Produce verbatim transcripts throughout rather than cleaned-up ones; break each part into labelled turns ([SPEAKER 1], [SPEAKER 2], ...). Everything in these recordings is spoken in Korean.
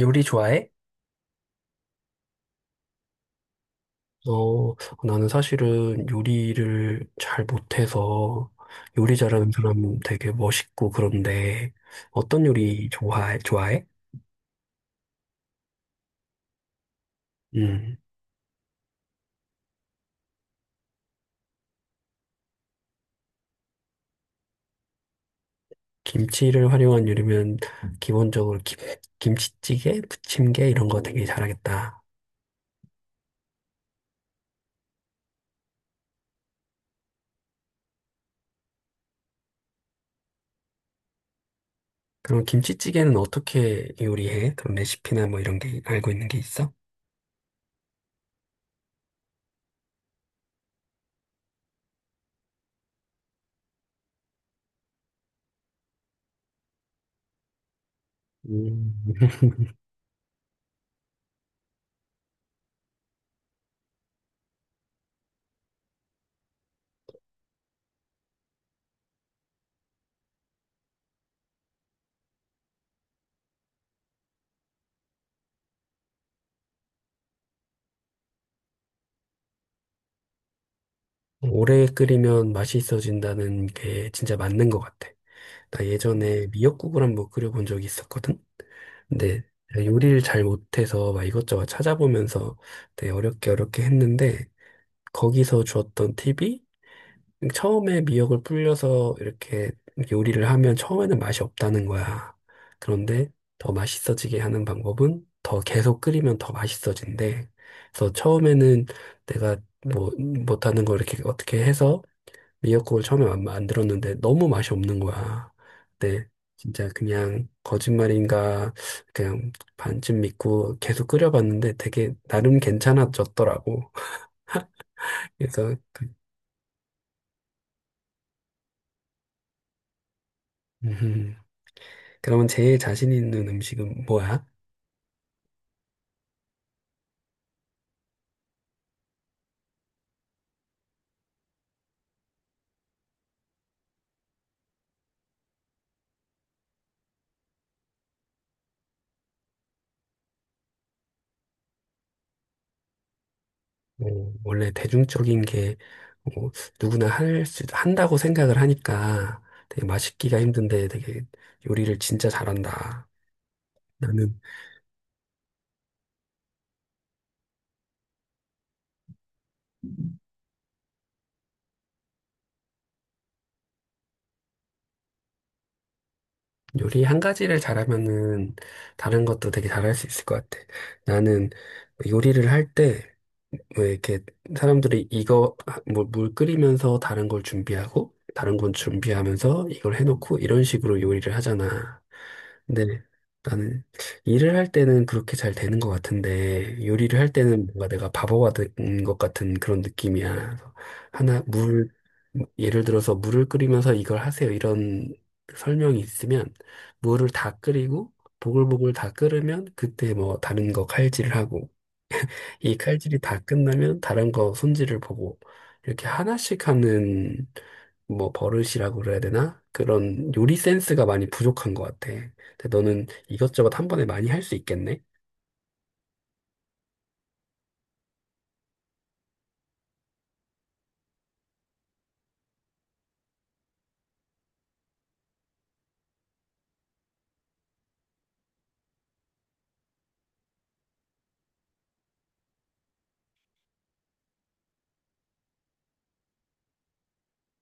[SPEAKER 1] 요리 좋아해? 어, 나는 사실은 요리를 잘 못해서 요리 잘하는 사람 되게 멋있고 그런데 어떤 요리 좋아해? 좋아해? 음, 김치를 활용한 요리면 기본적으로 김, 김치찌개, 부침개 이런 거 되게 잘하겠다. 그럼 김치찌개는 어떻게 요리해? 그런 레시피나 뭐 이런 게 알고 있는 게 있어? 음. 오래 끓이면 맛이 있어진다는 게 진짜 맞는 것 같아. 나 예전에 미역국을 한번 끓여본 적이 있었거든? 근데 내가 요리를 잘 못해서 막 이것저것 찾아보면서 되게 어렵게 어렵게 했는데 거기서 주었던 팁이 처음에 미역을 불려서 이렇게 요리를 하면 처음에는 맛이 없다는 거야. 그런데 더 맛있어지게 하는 방법은 더 계속 끓이면 더 맛있어진대. 그래서 처음에는 내가 뭐 못하는 걸 이렇게 어떻게 해서 미역국을 처음에 마- 만들었는데 너무 맛이 없는 거야. 근데 진짜 그냥 거짓말인가 그냥 반쯤 믿고 계속 끓여봤는데 되게 나름 괜찮아졌더라고. 그래서 음, 그러면 제일 자신 있는 음식은 뭐야? 뭐, 원래 대중적인 게 뭐, 누구나 할 수, 한다고 생각을 하니까 되게 맛있기가 힘든데 되게 요리를 진짜 잘한다. 나는 요리 한 가지를 잘하면은 다른 것도 되게 잘할 수 있을 것 같아. 나는 요리를 할 때 왜 이렇게 사람들이 이거 아, 뭐물 끓이면서 다른 걸 준비하고 다른 건 준비하면서 이걸 해놓고 이런 식으로 요리를 하잖아. 근데 나는 일을 할 때는 그렇게 잘 되는 것 같은데 요리를 할 때는 뭔가 내가 바보가 된 것 같은 그런 느낌이야. 그래서 하나 물 예를 들어서 물을 끓이면서 이걸 하세요 이런 설명이 있으면 물을 다 끓이고 보글보글 다 끓으면 그때 뭐 다른 거 칼질을 하고 이 칼질이 다 끝나면 다른 거 손질을 보고 이렇게 하나씩 하는 뭐 버릇이라고 그래야 되나? 그런 요리 센스가 많이 부족한 것 같아. 근데 너는 이것저것 한 번에 많이 할 수 있겠네?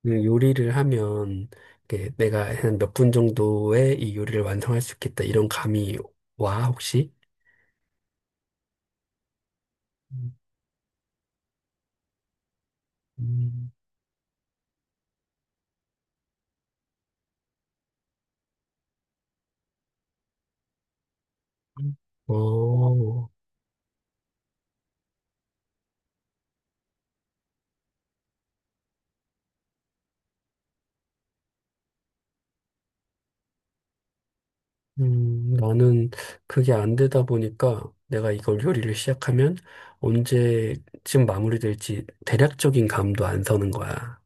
[SPEAKER 1] 음, 요리를 하면 이게 내가 한 몇 분 정도에 이 요리를 완성할 수 있겠다 이런 감이 와 혹시? 음, 음. 어, 음, 나는 그게 안 되다 보니까 내가 이걸 요리를 시작하면 언제쯤 마무리될지 대략적인 감도 안 서는 거야.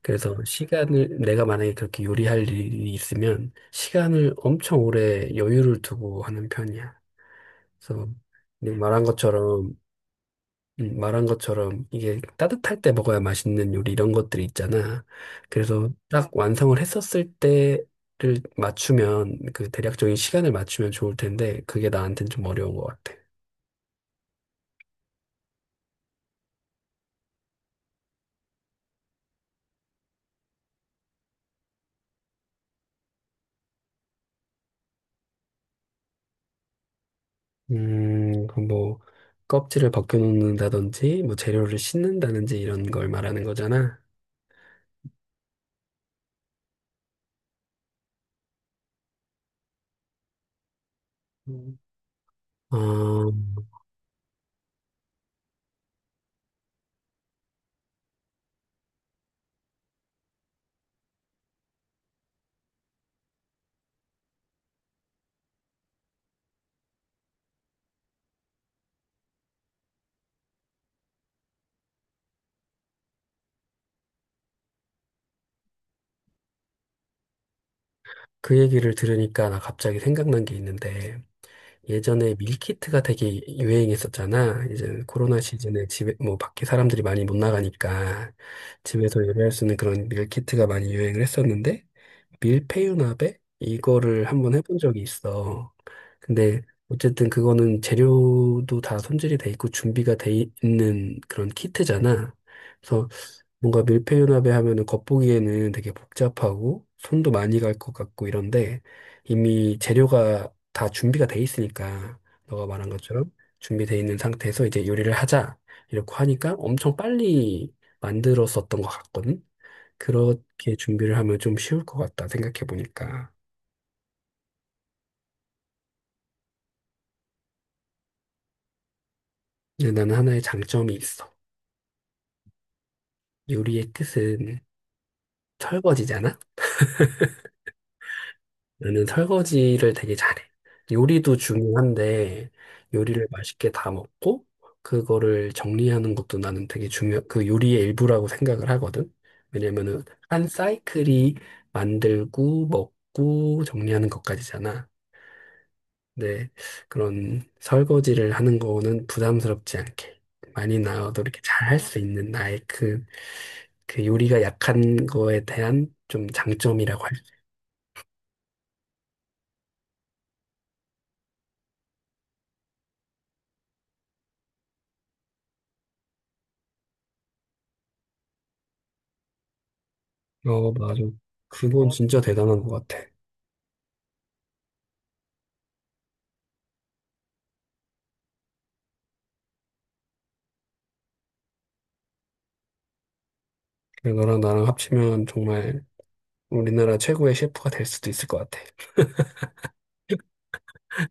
[SPEAKER 1] 그래서 시간을, 내가 만약에 그렇게 요리할 일이 있으면 시간을 엄청 오래 여유를 두고 하는 편이야. 그래서 네 말한 것처럼 음, 말한 것처럼 이게 따뜻할 때 먹어야 맛있는 요리 이런 것들이 있잖아. 그래서 딱 완성을 했었을 때를 맞추면 그 대략적인 시간을 맞추면 좋을 텐데 그게 나한테는 좀 어려운 것 같아. 음, 그뭐 껍질을 벗겨놓는다든지 뭐 재료를 씻는다든지 이런 걸 말하는 거잖아. 음. 어, 그 얘기를 들으니까 나 갑자기 생각난 게 있는데 예전에 밀키트가 되게 유행했었잖아. 이제 코로나 시즌에 집에, 뭐, 밖에 사람들이 많이 못 나가니까 집에서 요리할 수 있는 그런 밀키트가 많이 유행을 했었는데, 밀푀유나베? 이거를 한번 해본 적이 있어. 근데 어쨌든 그거는 재료도 다 손질이 돼 있고 준비가 돼 있는 그런 키트잖아. 그래서 뭔가 밀폐융합에 하면은 겉보기에는 되게 복잡하고 손도 많이 갈 것 같고 이런데 이미 재료가 다 준비가 돼 있으니까 너가 말한 것처럼 준비돼 있는 상태에서 이제 요리를 하자 이렇게 하니까 엄청 빨리 만들었었던 것 같거든. 그렇게 준비를 하면 좀 쉬울 것 같다 생각해 보니까. 근데 나는 하나의 장점이 있어. 요리의 끝은 설거지잖아. 나는 설거지를 되게 잘해. 요리도 중요한데, 요리를 맛있게 다 먹고, 그거를 정리하는 것도 나는 되게 중요, 그 요리의 일부라고 생각을 하거든. 왜냐면은, 한 사이클이 만들고, 먹고, 정리하는 것까지잖아. 근데 그런 설거지를 하는 거는 부담스럽지 않게, 많이 나와도 이렇게 잘 할 수 있는 나의 그, 그 요리가 약한 거에 대한 좀 장점이라고 어, 맞아. 그건 어, 진짜 대단한 것 같아. 그래, 너랑 나랑 합치면 정말 우리나라 최고의 셰프가 될 수도 있을 것 같아.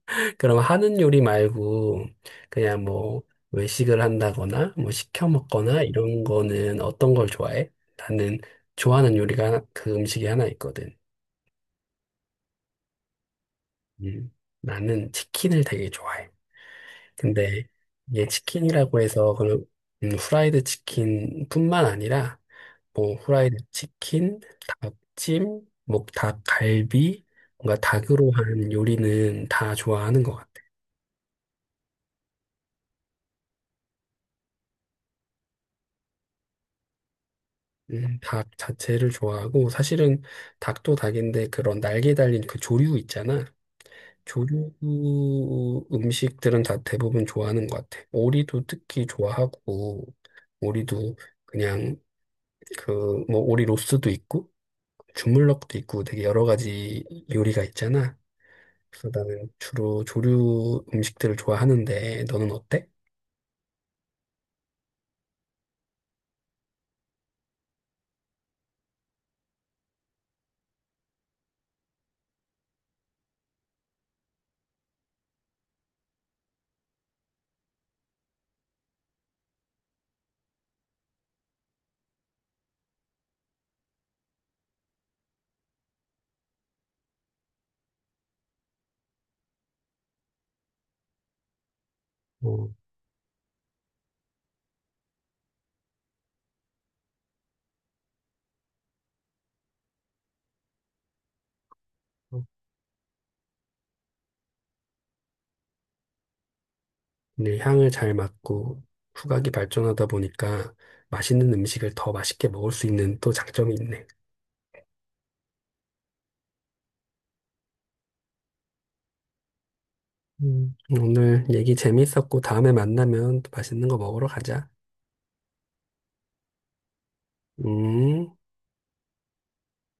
[SPEAKER 1] 그럼 하는 요리 말고 그냥 뭐 외식을 한다거나 뭐 시켜 먹거나 이런 거는 어떤 걸 좋아해? 나는 좋아하는 요리가 하나- 그 음식이 하나 있거든. 음, 나는 치킨을 되게 좋아해. 근데 이게 치킨이라고 해서 그런 음, 후라이드 치킨뿐만 아니라 뭐 후라이드 치킨, 닭찜, 뭐 닭갈비, 뭔가 닭으로 한 요리는 다 좋아하는 것 같아. 음, 닭 자체를 좋아하고 사실은 닭도 닭인데 그런 날개 달린 그 조류 있잖아. 조류 음식들은 다 대부분 좋아하는 것 같아. 오리도 특히 좋아하고 오리도 그냥 그 뭐 오리 로스도 있고 주물럭도 있고 되게 여러 가지 요리가 있잖아. 그래서 나는 주로 조류 음식들을 좋아하는데 너는 어때? 어, 어, 근데 향을 잘 맡고 후각이 발전하다 보니까 맛있는 음식을 더 맛있게 먹을 수 있는 또 장점이 있네. 음. 오늘 얘기 재밌었고 다음에 만나면 또 맛있는 거 먹으러 가자. 음.